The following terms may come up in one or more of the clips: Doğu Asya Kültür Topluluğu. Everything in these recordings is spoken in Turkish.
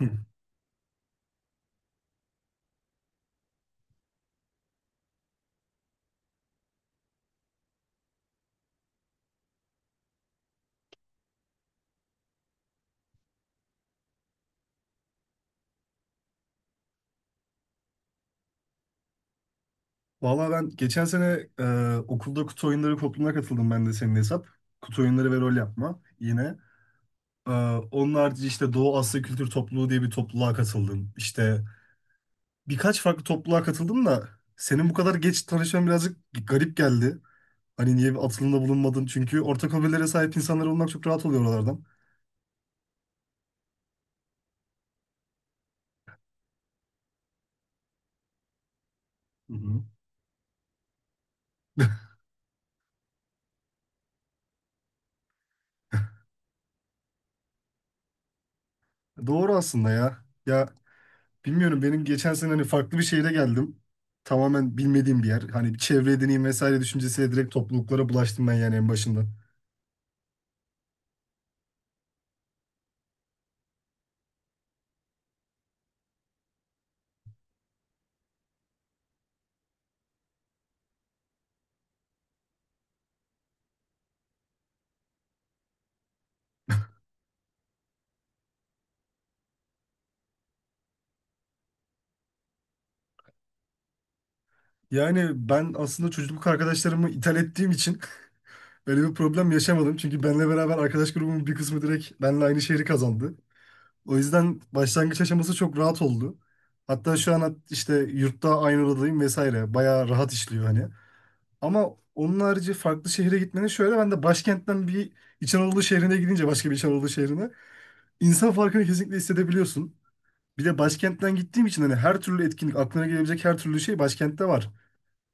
Hı. Vallahi ben geçen sene okulda kutu oyunları topluluğuna katıldım ben de senin hesap. Kutu oyunları ve rol yapma yine. E, onun harici işte Doğu Asya Kültür Topluluğu diye bir topluluğa katıldım. İşte birkaç farklı topluluğa katıldım da senin bu kadar geç tanışman birazcık garip geldi. Hani niye bir atılımda bulunmadın? Çünkü ortak hobilere sahip insanlar olmak çok rahat oluyor oralardan. Hı hı. Doğru aslında ya. Ya bilmiyorum, benim geçen sene hani farklı bir şehire geldim. Tamamen bilmediğim bir yer. Hani bir çevre edineyim vesaire düşüncesiyle direkt topluluklara bulaştım ben yani en başından. Yani ben aslında çocukluk arkadaşlarımı ithal ettiğim için böyle bir problem yaşamadım. Çünkü benle beraber arkadaş grubumun bir kısmı direkt benle aynı şehri kazandı. O yüzden başlangıç aşaması çok rahat oldu. Hatta şu an işte yurtta aynı odadayım vesaire. Bayağı rahat işliyor hani. Ama onun harici farklı şehire gitmenin şöyle, ben de başkentten bir İç Anadolu şehrine gidince, başka bir İç Anadolu şehrine, insan farkını kesinlikle hissedebiliyorsun. Bir de başkentten gittiğim için hani her türlü etkinlik, aklına gelebilecek her türlü şey başkentte var.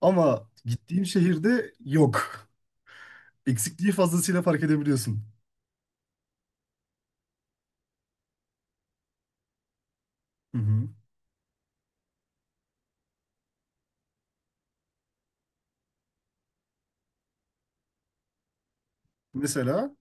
Ama gittiğim şehirde yok. Eksikliği fazlasıyla fark edebiliyorsun. Hı hı. Mesela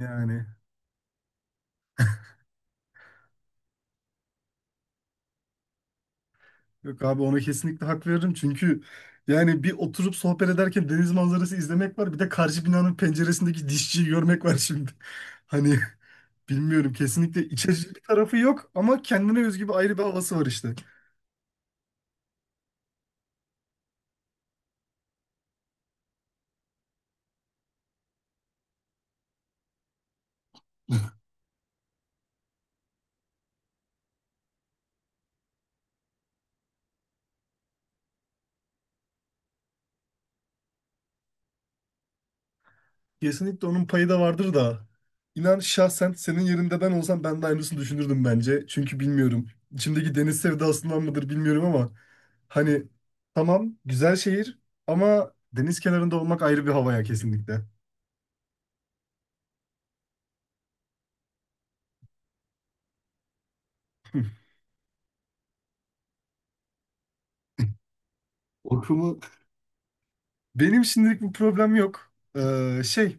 yani yok abi, ona kesinlikle hak veririm çünkü yani bir oturup sohbet ederken deniz manzarası izlemek var. Bir de karşı binanın penceresindeki dişçiyi görmek var şimdi. Hani bilmiyorum, kesinlikle iç açıcı bir tarafı yok ama kendine özgü bir ayrı bir havası var işte. Kesinlikle onun payı da vardır da. İnan şahsen senin yerinde ben olsam ben de aynısını düşünürdüm bence. Çünkü bilmiyorum. İçimdeki deniz sevdasından mıdır bilmiyorum ama hani tamam, güzel şehir ama deniz kenarında olmak ayrı bir havaya kesinlikle. Okumu benim şimdilik bir problem yok. Şey,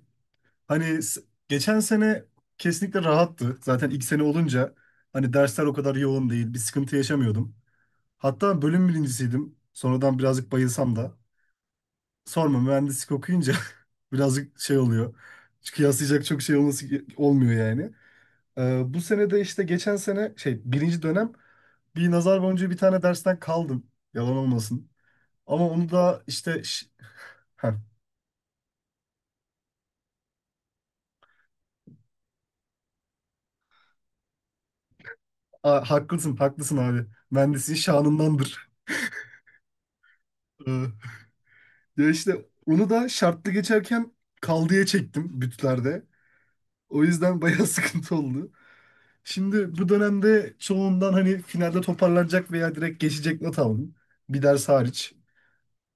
hani geçen sene kesinlikle rahattı. Zaten ilk sene olunca hani dersler o kadar yoğun değil. Bir sıkıntı yaşamıyordum. Hatta bölüm birincisiydim. Sonradan birazcık bayılsam da sorma, mühendislik okuyunca birazcık şey oluyor. Çünkü kıyaslayacak çok şey olması olmuyor yani. Bu sene de işte geçen sene şey, birinci dönem bir nazar boncuğu bir tane dersten kaldım. Yalan olmasın. Ama onu da işte heh. Haklısın haklısın abi. Mühendisliğin şanındandır. Ee, ya işte onu da şartlı geçerken kaldıya çektim bütlerde. O yüzden bayağı sıkıntı oldu. Şimdi bu dönemde çoğundan hani finalde toparlanacak veya direkt geçecek not aldım. Bir ders hariç.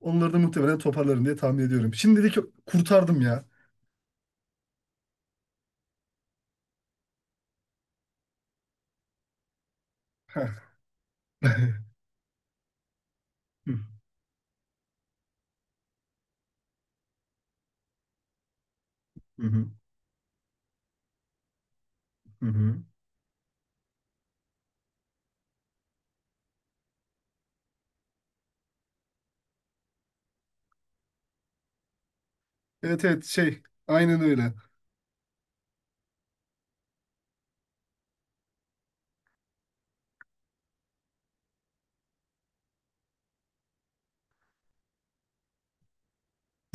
Onları da muhtemelen toparlarım diye tahmin ediyorum. Şimdilik kurtardım ya. Heh. Hı hı hı. Hı. Evet, evet, şey, aynen öyle.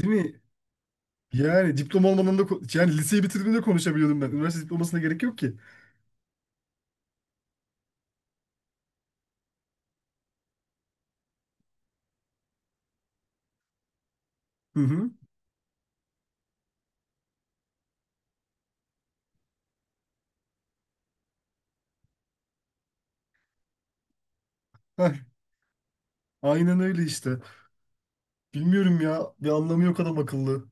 Değil mi? Yani diploma olmadan da yani liseyi bitirdiğimde konuşabiliyordum ben. Üniversite diplomasına gerek yok ki. Hı hı. Heh. Aynen öyle işte. Bilmiyorum ya. Bir anlamı yok adam akıllı.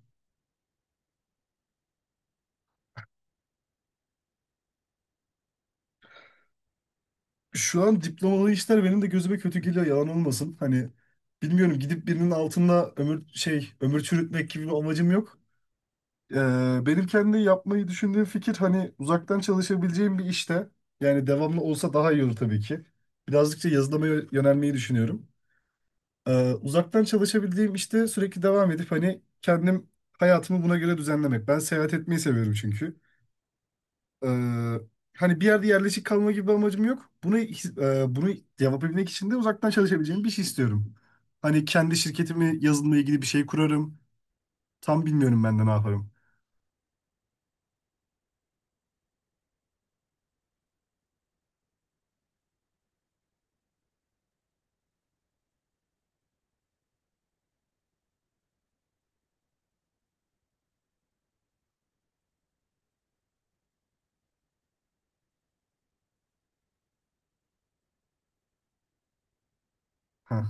Şu an diplomalı işler benim de gözüme kötü geliyor, yalan olmasın. Hani bilmiyorum, gidip birinin altında ömür şey, ömür çürütmek gibi bir amacım yok. Ee, benim kendi yapmayı düşündüğüm fikir hani uzaktan çalışabileceğim bir işte. Yani devamlı olsa daha iyi olur tabii ki. Birazcık da yazılıma yönelmeyi düşünüyorum. Uzaktan çalışabildiğim işte sürekli devam edip hani kendim hayatımı buna göre düzenlemek. Ben seyahat etmeyi seviyorum çünkü. Ee, hani bir yerde yerleşik kalma gibi bir amacım yok. Bunu bunu yapabilmek için de uzaktan çalışabileceğim bir şey istiyorum. Hani kendi şirketimi yazılımla ilgili bir şey kurarım. Tam bilmiyorum ben de ne yaparım. Ha.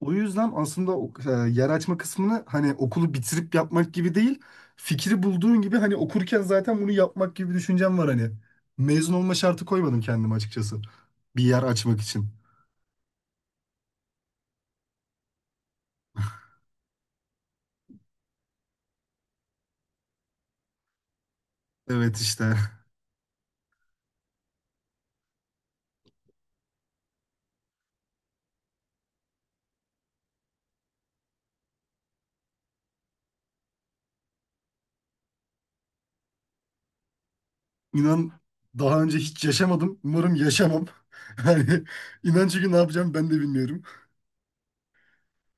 O yüzden aslında yer açma kısmını hani okulu bitirip yapmak gibi değil, fikri bulduğun gibi hani okurken zaten bunu yapmak gibi bir düşüncem var hani. Mezun olma şartı koymadım kendime açıkçası. Bir yer açmak için. Evet işte. İnan daha önce hiç yaşamadım. Umarım yaşamam. Yani inan, çünkü ne yapacağım ben de bilmiyorum.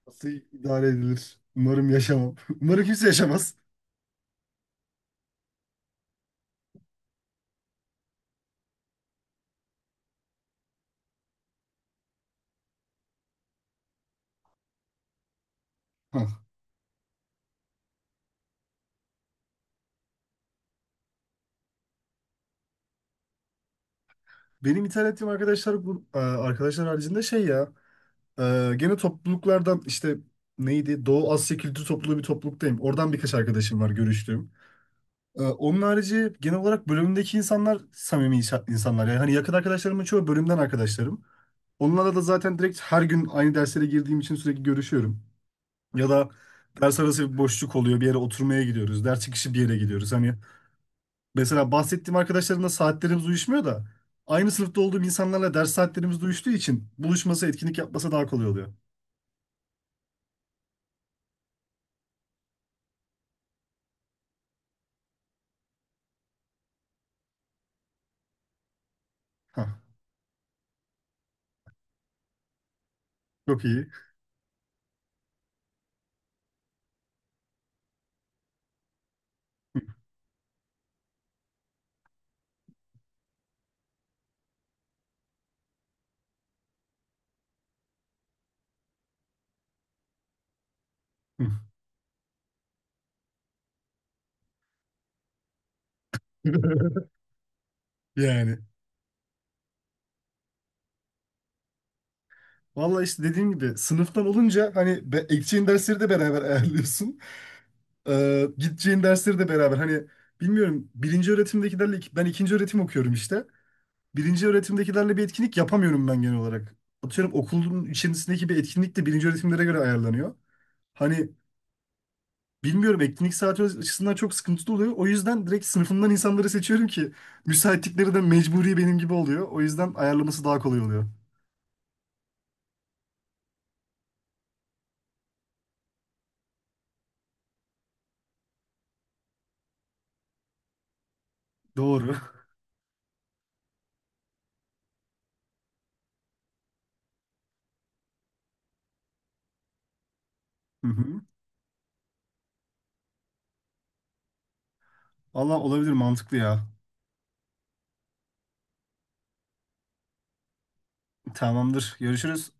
Nasıl idare edilir? Umarım yaşamam. Umarım kimse yaşamaz. Hah. Benim ithal ettiğim arkadaşlar bu arkadaşlar haricinde şey ya, gene topluluklardan işte, neydi, Doğu Asya Kültür Topluluğu, bir topluluktayım. Oradan birkaç arkadaşım var görüştüğüm. Onun harici genel olarak bölümümdeki insanlar samimi insanlar. Yani hani yakın arkadaşlarımın çoğu bölümden arkadaşlarım. Onlarla da zaten direkt her gün aynı derslere girdiğim için sürekli görüşüyorum. Ya da ders arası bir boşluk oluyor. Bir yere oturmaya gidiyoruz. Ders çıkışı bir yere gidiyoruz. Hani mesela bahsettiğim arkadaşlarımla saatlerimiz uyuşmuyor da aynı sınıfta olduğum insanlarla ders saatlerimiz de uyuştuğu için buluşması, etkinlik yapması daha kolay oluyor. Hah, çok iyi. Yani. Valla işte dediğim gibi sınıftan olunca hani ekeceğin dersleri de beraber ayarlıyorsun. Gideceğin dersleri de beraber. Hani bilmiyorum, birinci öğretimdekilerle ben ikinci öğretim okuyorum işte. Birinci öğretimdekilerle bir etkinlik yapamıyorum ben genel olarak. Atıyorum okulun içerisindeki bir etkinlik de birinci öğretimlere göre ayarlanıyor. Hani bilmiyorum, etkinlik saati açısından çok sıkıntılı oluyor. O yüzden direkt sınıfımdan insanları seçiyorum ki müsaitlikleri de mecburi benim gibi oluyor. O yüzden ayarlaması daha kolay oluyor. Doğru. Hı hı. Allah olabilir, mantıklı ya. Tamamdır. Görüşürüz.